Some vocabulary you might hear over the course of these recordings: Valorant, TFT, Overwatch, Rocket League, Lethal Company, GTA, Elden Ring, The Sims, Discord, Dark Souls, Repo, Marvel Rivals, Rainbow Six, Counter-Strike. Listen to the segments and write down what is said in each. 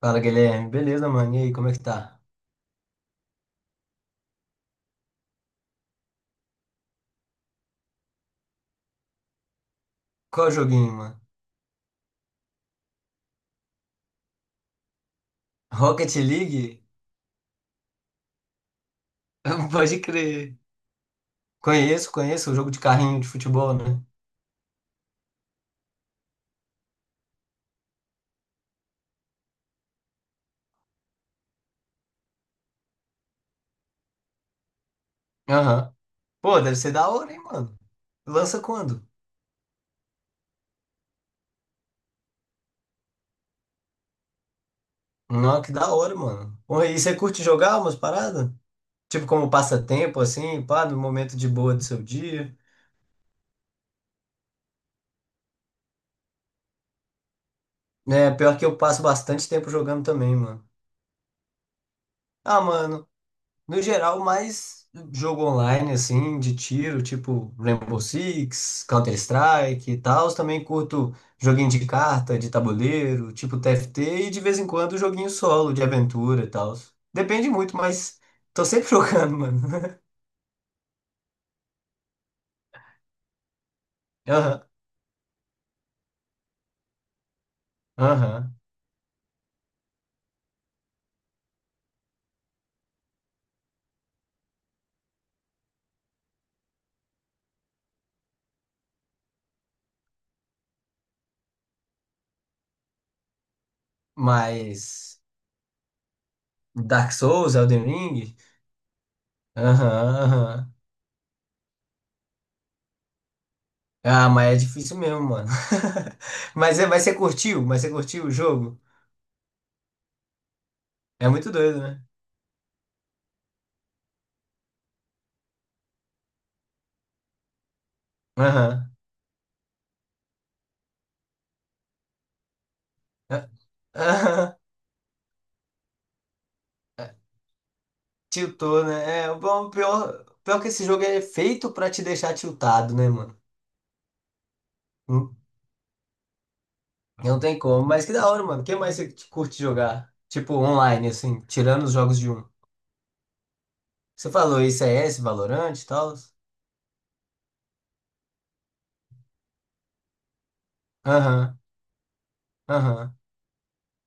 Fala, Guilherme. Beleza, mano? E aí, como é que tá? Qual joguinho, mano? Rocket League? Pode crer. Conheço, conheço. O jogo de carrinho de futebol, né? Aham. Pô, deve ser da hora, hein, mano? Lança quando? Não, que da hora, mano. Pô, e você curte jogar umas paradas? Tipo, como passatempo, assim, pá, no momento de boa do seu dia? É, pior que eu passo bastante tempo jogando também, mano. Ah, mano. No geral, mais jogo online, assim, de tiro, tipo Rainbow Six, Counter-Strike e tal. Também curto joguinho de carta, de tabuleiro, tipo TFT, e de vez em quando joguinho solo, de aventura e tal. Depende muito, mas tô sempre jogando, mano. Aham, aham. Mas Dark Souls, Elden Ring? Aham, aham. Ah, mas é difícil mesmo, mano. Mas você curtiu? Mas você curtiu o jogo? É muito doido, né? Aham. Ah. Aham. Tiltou, né? É, bom, pior, pior que esse jogo é feito pra te deixar tiltado, né, mano? Hum. Não tem como. Mas que da hora, mano. O que mais você curte jogar? Tipo, online, assim, tirando os jogos de um. Você falou ICS Valorant e tal? Aham, aham.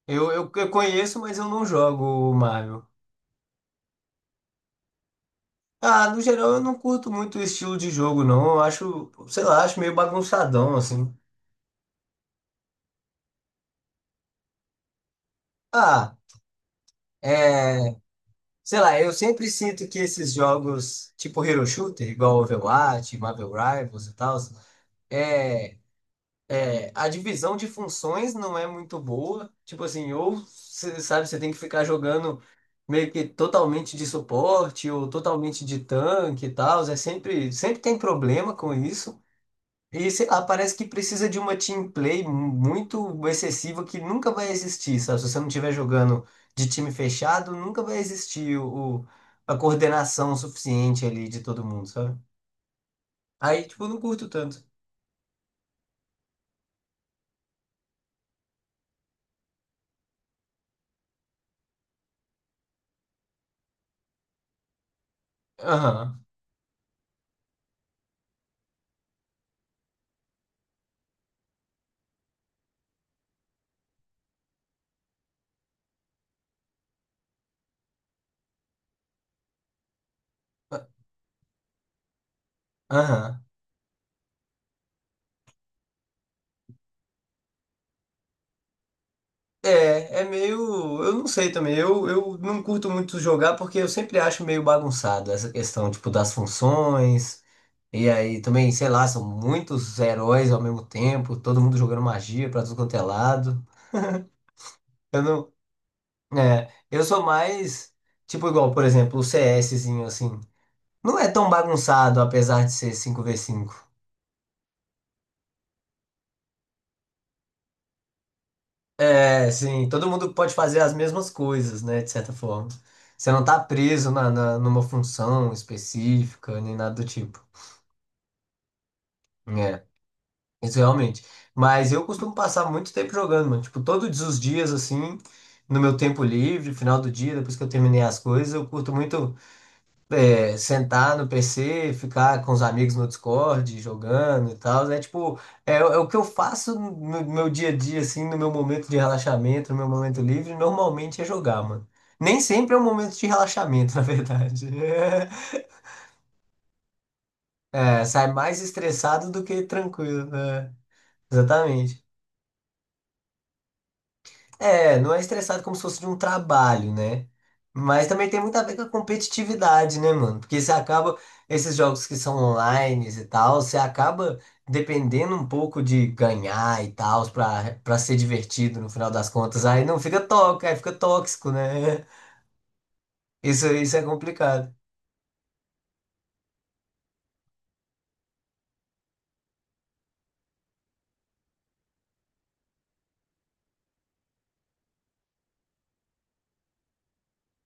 Eu conheço, mas eu não jogo o Marvel. Ah, no geral eu não curto muito o estilo de jogo, não. Eu acho, sei lá, acho meio bagunçadão, assim. Ah, é. Sei lá, eu sempre sinto que esses jogos, tipo Hero Shooter, igual Overwatch, Marvel Rivals e tal, é, a divisão de funções não é muito boa. Tipo assim, ou, cê sabe, você tem que ficar jogando meio que totalmente de suporte ou totalmente de tanque e tal. É sempre, sempre tem problema com isso. E sei lá, parece que precisa de uma team play muito excessiva que nunca vai existir, sabe? Se você não estiver jogando de time fechado, nunca vai existir a coordenação suficiente ali de todo mundo, sabe? Aí, tipo, eu não curto tanto. Aham, aham. É meio. Eu não sei também. Eu não curto muito jogar porque eu sempre acho meio bagunçado essa questão, tipo, das funções. E aí também, sei lá, são muitos heróis ao mesmo tempo, todo mundo jogando magia pra tudo quanto é lado. Eu não. É, eu sou mais, tipo, igual, por exemplo, o CSzinho, assim. Não é tão bagunçado, apesar de ser 5v5. É, sim, todo mundo pode fazer as mesmas coisas, né, de certa forma. Você não tá preso numa função específica, nem nada do tipo. É, isso realmente. Mas eu costumo passar muito tempo jogando, mano. Tipo, todos os dias, assim, no meu tempo livre, final do dia, depois que eu terminei as coisas, eu curto muito sentar no PC, ficar com os amigos no Discord, jogando e tal. É tipo, é o que eu faço no meu dia a dia, assim, no meu momento de relaxamento, no meu momento livre, normalmente é jogar, mano. Nem sempre é um momento de relaxamento, na verdade. É, sai mais estressado do que tranquilo, né? Exatamente. É, não é estressado como se fosse de um trabalho, né? Mas também tem muito a ver com a competitividade, né, mano? Porque você acaba, esses jogos que são online e tal, você acaba dependendo um pouco de ganhar e tal, pra ser divertido no final das contas. Aí não fica tóxico, aí fica tóxico, né? Isso é complicado.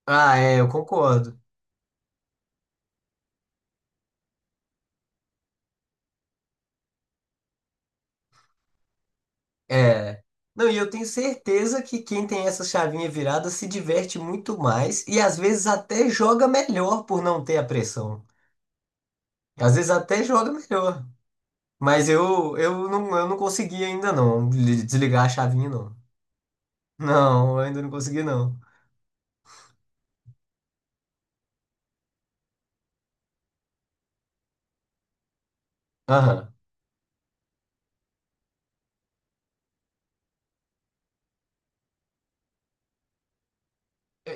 Ah, é, eu concordo. É. Não, e eu tenho certeza que quem tem essa chavinha virada se diverte muito mais e às vezes até joga melhor por não ter a pressão. Às vezes até joga melhor. Mas não, eu não consegui ainda não desligar a chavinha, não. Não, eu ainda não consegui, não. Aham.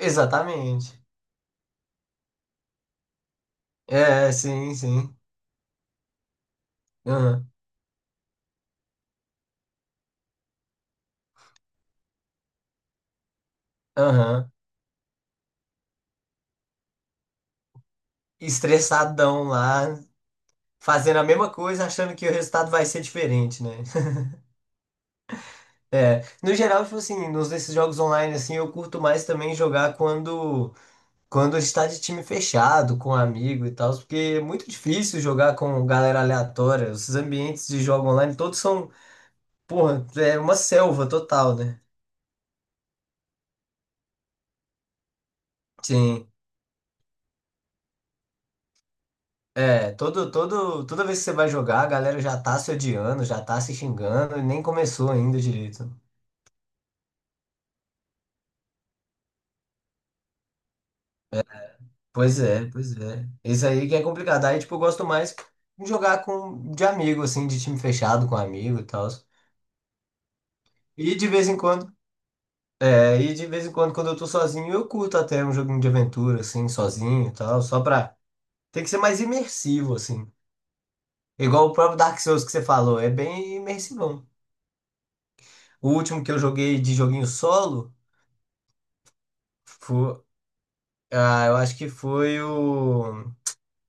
Exatamente. É, sim, sim. Aham. Aham. Estressadão lá, fazendo a mesma coisa, achando que o resultado vai ser diferente, né? É. No geral, tipo assim, nos desses jogos online, assim, eu curto mais também jogar quando. Quando está de time fechado, com amigo e tal, porque é muito difícil jogar com galera aleatória. Esses ambientes de jogo online todos são, porra, é uma selva total, né? Sim. É, toda vez que você vai jogar, a galera já tá se odiando, já tá se xingando e nem começou ainda direito. Pois é, pois é. Isso aí que é complicado. Aí, tipo, eu gosto mais de jogar de amigo, assim, de time fechado, com amigo e tal. E de vez em quando. Aí de vez em quando, quando eu tô sozinho, eu curto até um joguinho de aventura, assim, sozinho e tal, só pra. Tem que ser mais imersivo, assim. Igual o próprio Dark Souls que você falou, é bem imersivão. O último que eu joguei de joguinho solo foi. Ah, eu acho que foi o.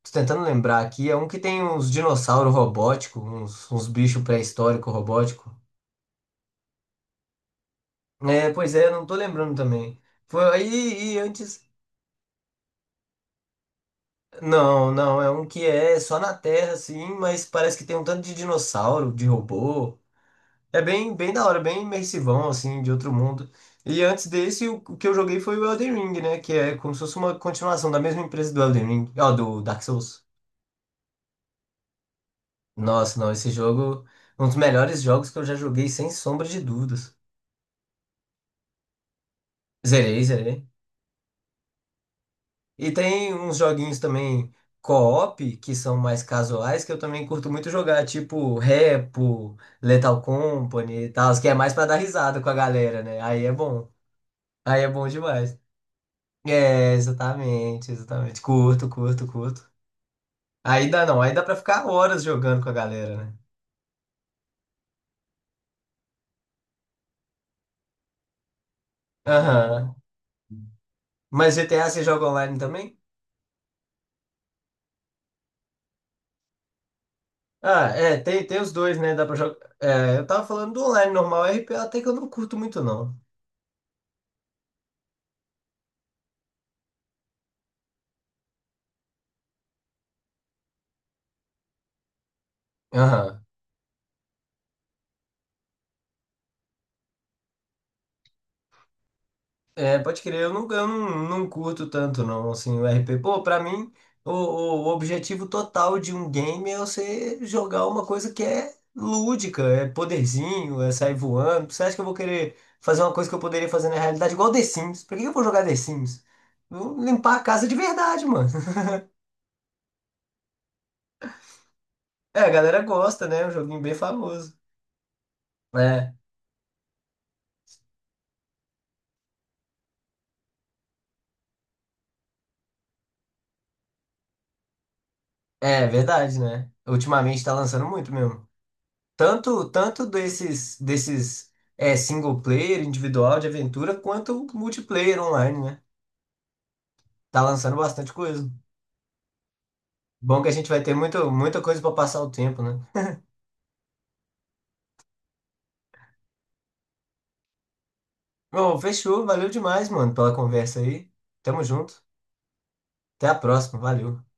Tô tentando lembrar aqui, é um que tem uns dinossauros robóticos, uns bichos pré-históricos robóticos. É, pois é, eu não tô lembrando também. Foi aí, e antes. Não, não, é um que é só na Terra, assim, mas parece que tem um tanto de dinossauro, de robô. É bem, bem da hora, bem imersivão, assim, de outro mundo. E antes desse, o que eu joguei foi o Elden Ring, né? Que é como se fosse uma continuação da mesma empresa do Elden Ring, ó, do Dark Souls. Nossa, não, esse jogo, um dos melhores jogos que eu já joguei, sem sombra de dúvidas. Zerei, zerei. E tem uns joguinhos também co-op, que são mais casuais, que eu também curto muito jogar, tipo Repo, Lethal Company e tal, que é mais pra dar risada com a galera, né? Aí é bom. Aí é bom demais. É, exatamente, exatamente. Curto, curto, curto. Aí dá não, aí dá pra ficar horas jogando com a galera, né? Aham. Mas GTA você joga online também? Ah, é, tem os dois, né? Dá pra jogar. É, eu tava falando do online normal, RPA até que eu não curto muito, não. Aham. É, pode crer, eu não, não curto tanto não, assim, o RP. Pô, pra mim, o objetivo total de um game é você jogar uma coisa que é lúdica, é poderzinho, é sair voando. Você acha que eu vou querer fazer uma coisa que eu poderia fazer na realidade igual The Sims? Pra que eu vou jogar The Sims? Eu vou limpar a casa de verdade, mano. É, a galera gosta, né? É um joguinho bem famoso. É, é verdade, né? Ultimamente tá lançando muito mesmo. Tanto, tanto desses single player, individual de aventura, quanto multiplayer online, né? Tá lançando bastante coisa. Bom que a gente vai ter muita coisa pra passar o tempo, né? Bom, fechou. Valeu demais, mano, pela conversa aí. Tamo junto. Até a próxima. Valeu.